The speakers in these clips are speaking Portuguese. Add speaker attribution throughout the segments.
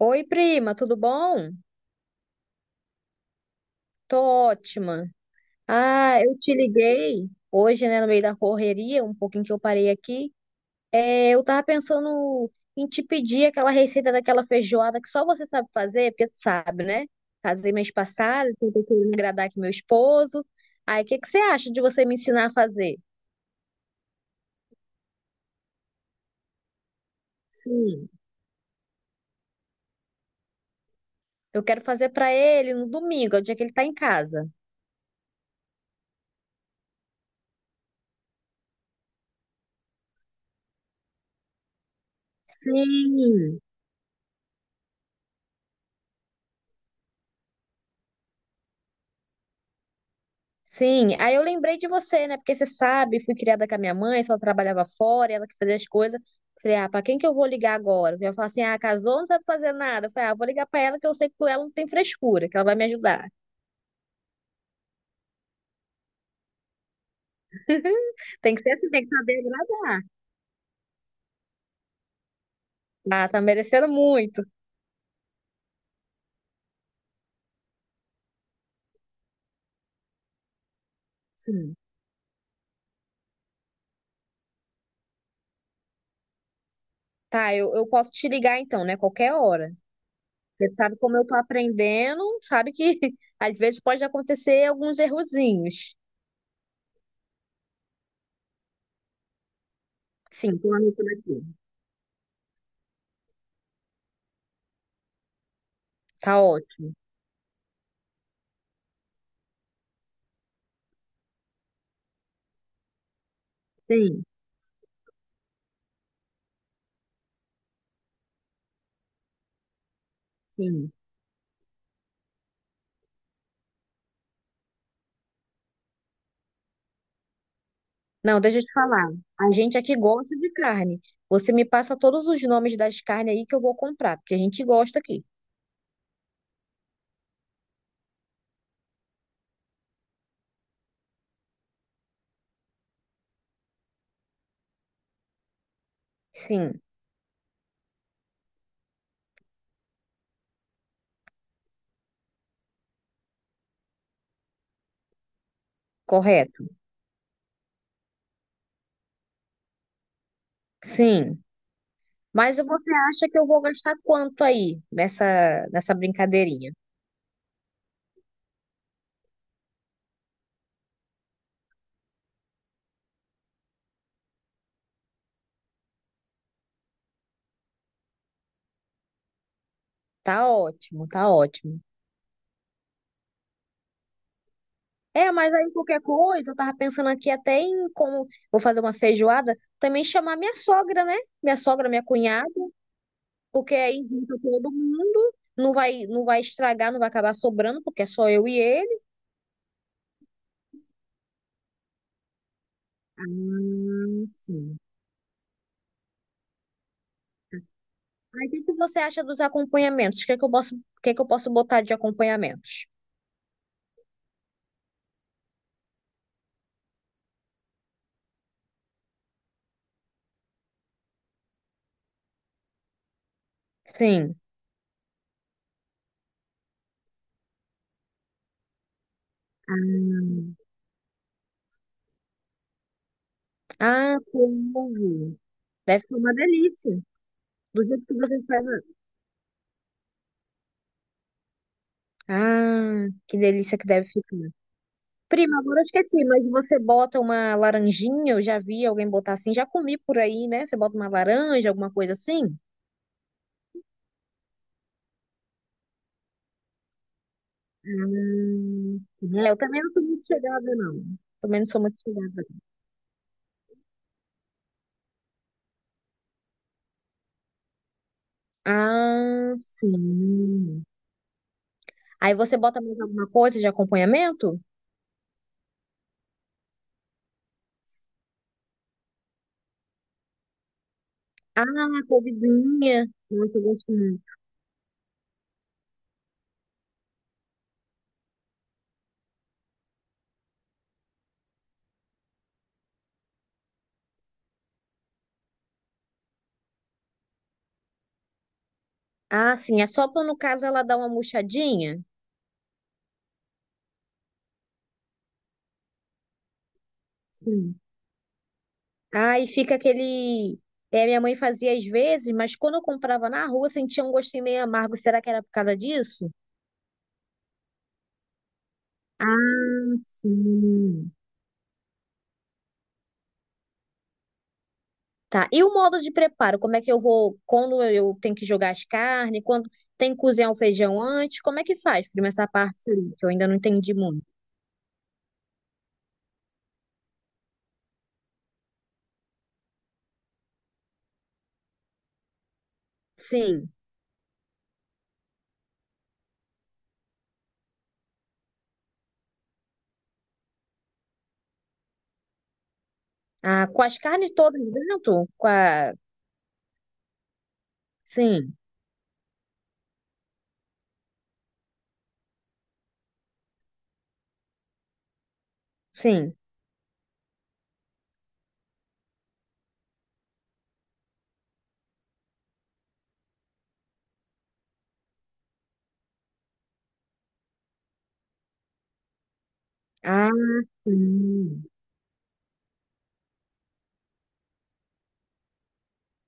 Speaker 1: Oi, prima, tudo bom? Tô ótima. Ah, eu te liguei hoje, né, no meio da correria, um pouquinho que eu parei aqui. É, eu tava pensando em te pedir aquela receita daquela feijoada que só você sabe fazer, porque tu sabe, né? Casei mês passado, então tô querendo agradar aqui meu esposo. Aí, o que você acha de você me ensinar a fazer? Sim. Eu quero fazer pra ele no domingo, é o dia que ele tá em casa. Sim. Sim, aí eu lembrei de você, né? Porque você sabe, fui criada com a minha mãe, só trabalhava fora, ela que fazia as coisas. Falei, ah, pra quem que eu vou ligar agora? Eu falar assim, ah, casou, não sabe fazer nada. Eu falei, ah, vou ligar pra ela que eu sei que com ela não tem frescura, que ela vai me ajudar. Tem que ser assim, tem que saber agradar. Ah, tá merecendo muito. Sim. Tá, eu posso te ligar então, né? Qualquer hora. Você sabe como eu tô aprendendo, sabe que às vezes pode acontecer alguns errozinhos. Sim, tô anotando aqui. Tá ótimo. Sim, sim. Não, deixa eu te falar. A gente aqui gosta de carne. Você me passa todos os nomes das carnes aí que eu vou comprar, porque a gente gosta aqui. Sim, correto. Sim. Mas você acha que eu vou gastar quanto aí nessa brincadeirinha? Tá ótimo, tá ótimo. É, mas aí qualquer coisa, eu tava pensando aqui até em como vou fazer uma feijoada, também chamar minha sogra, né? Minha sogra, minha cunhada, porque aí junta todo mundo, não vai estragar, não vai acabar sobrando, porque é só eu e ele. Ah, sim. Aí o que você acha dos acompanhamentos? O que eu posso, o que eu posso botar de acompanhamentos? Sim. Hum. Ah, couve. Deve ser uma delícia. Do jeito que você faz. Ah, que delícia que deve ficar. Prima, agora eu esqueci, mas você bota uma laranjinha, eu já vi alguém botar assim, já comi por aí, né? Você bota uma laranja, alguma coisa assim? Hum, é, eu também não sou muito chegada, não. Também não sou muito chegada. Ah, sim. Aí você bota mais alguma coisa de acompanhamento? Ah, couvezinha. Nossa, eu gosto muito. Ah, sim. É só pra, no caso, ela dar uma murchadinha? Sim. Aí fica aquele. É, minha mãe fazia às vezes, mas quando eu comprava na rua, sentia um gostinho meio amargo. Será que era por causa disso? Ah, sim. Tá. E o modo de preparo? Como é que eu vou. Quando eu tenho que jogar as carnes? Quando tem que cozinhar o feijão antes? Como é que faz? Prima, essa parte aí, que eu ainda não entendi muito. Sim. Ah, com as carnes todas dentro? Com a... Sim, sim. Ah, sim.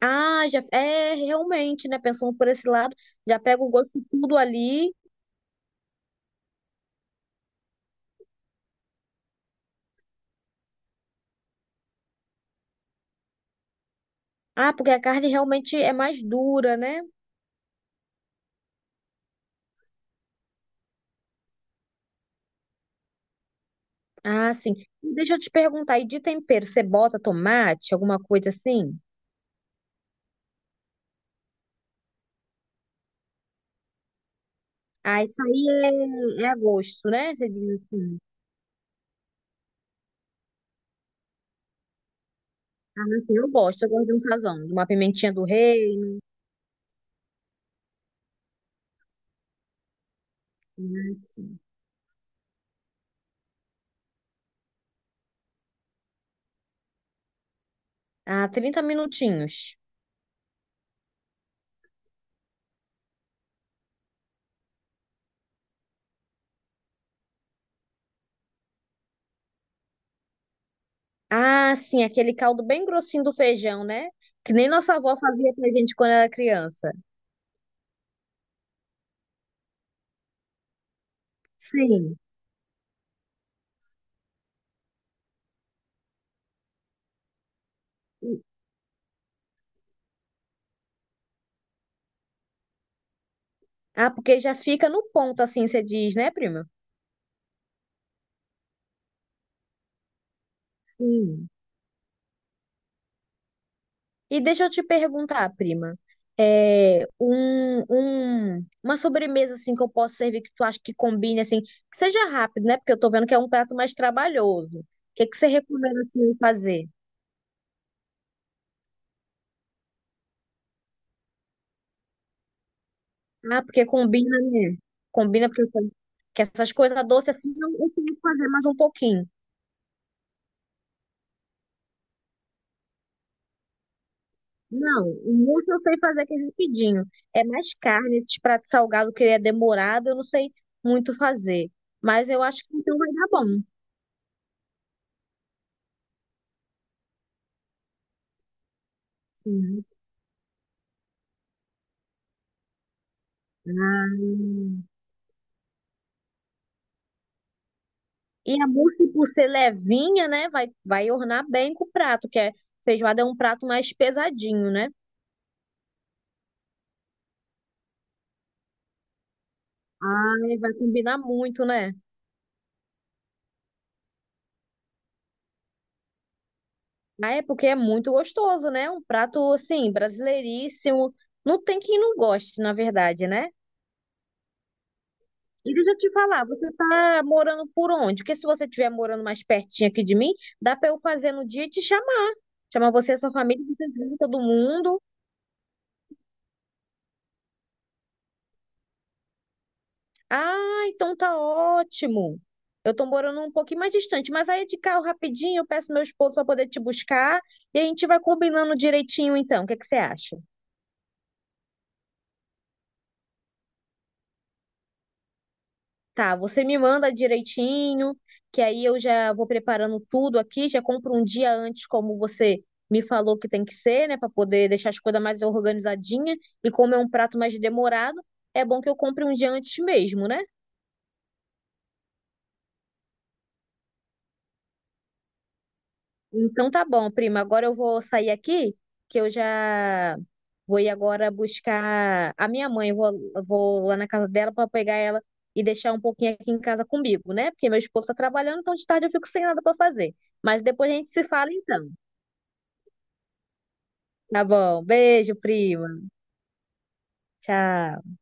Speaker 1: Ah, já é realmente, né? Pensando por esse lado, já pega o gosto de tudo ali. Ah, porque a carne realmente é mais dura, né? Ah, sim. Deixa eu te perguntar, e de tempero, você bota tomate, alguma coisa assim? Ah, isso aí é, é a gosto, né? Você diz assim. Ah, mas assim, eu gosto de um sazão, de uma pimentinha do reino. Né, assim. Ah, 30 minutinhos. Ah, sim, aquele caldo bem grossinho do feijão, né? Que nem nossa avó fazia pra gente quando era criança. Sim. Ah, porque já fica no ponto, assim, você diz, né, prima? Sim. E deixa eu te perguntar, prima, uma sobremesa assim que eu posso servir que tu acha que combine assim, que seja rápido, né? Porque eu tô vendo que é um prato mais trabalhoso. O que você recomenda assim fazer? Ah, porque combina, né? Combina porque eu sei que essas coisas doces assim eu sei fazer mais um pouquinho. Não, o mousse eu sei fazer aquele rapidinho. É mais carne, esses pratos salgados que ele é demorado, eu não sei muito fazer. Mas eu acho que então vai dar bom. Sim. Ah, e a mousse, por ser levinha, né, vai ornar bem com o prato, que é feijoada é um prato mais pesadinho, né? Ai, vai combinar muito, né? Ah, é porque é muito gostoso, né? Um prato, assim, brasileiríssimo. Não tem quem não goste, na verdade, né? E deixa eu te falar, você tá morando por onde? Porque se você estiver morando mais pertinho aqui de mim, dá pra eu fazer no dia e te chamar. Chamar você e sua família, vocês vêm todo mundo. Ah, então tá ótimo. Eu tô morando um pouquinho mais distante, mas aí de carro rapidinho eu peço meu esposo para poder te buscar e a gente vai combinando direitinho então. O que é que você acha? Tá, você me manda direitinho, que aí eu já vou preparando tudo aqui, já compro um dia antes, como você me falou que tem que ser, né, para poder deixar as coisas mais organizadinhas. E como é um prato mais demorado, é bom que eu compre um dia antes mesmo, né? Então tá bom, prima. Agora eu vou sair aqui, que eu já vou ir agora buscar a minha mãe. Eu vou lá na casa dela para pegar ela e deixar um pouquinho aqui em casa comigo, né? Porque meu esposo tá trabalhando, então de tarde eu fico sem nada para fazer. Mas depois a gente se fala então. Tá bom. Beijo, prima. Tchau.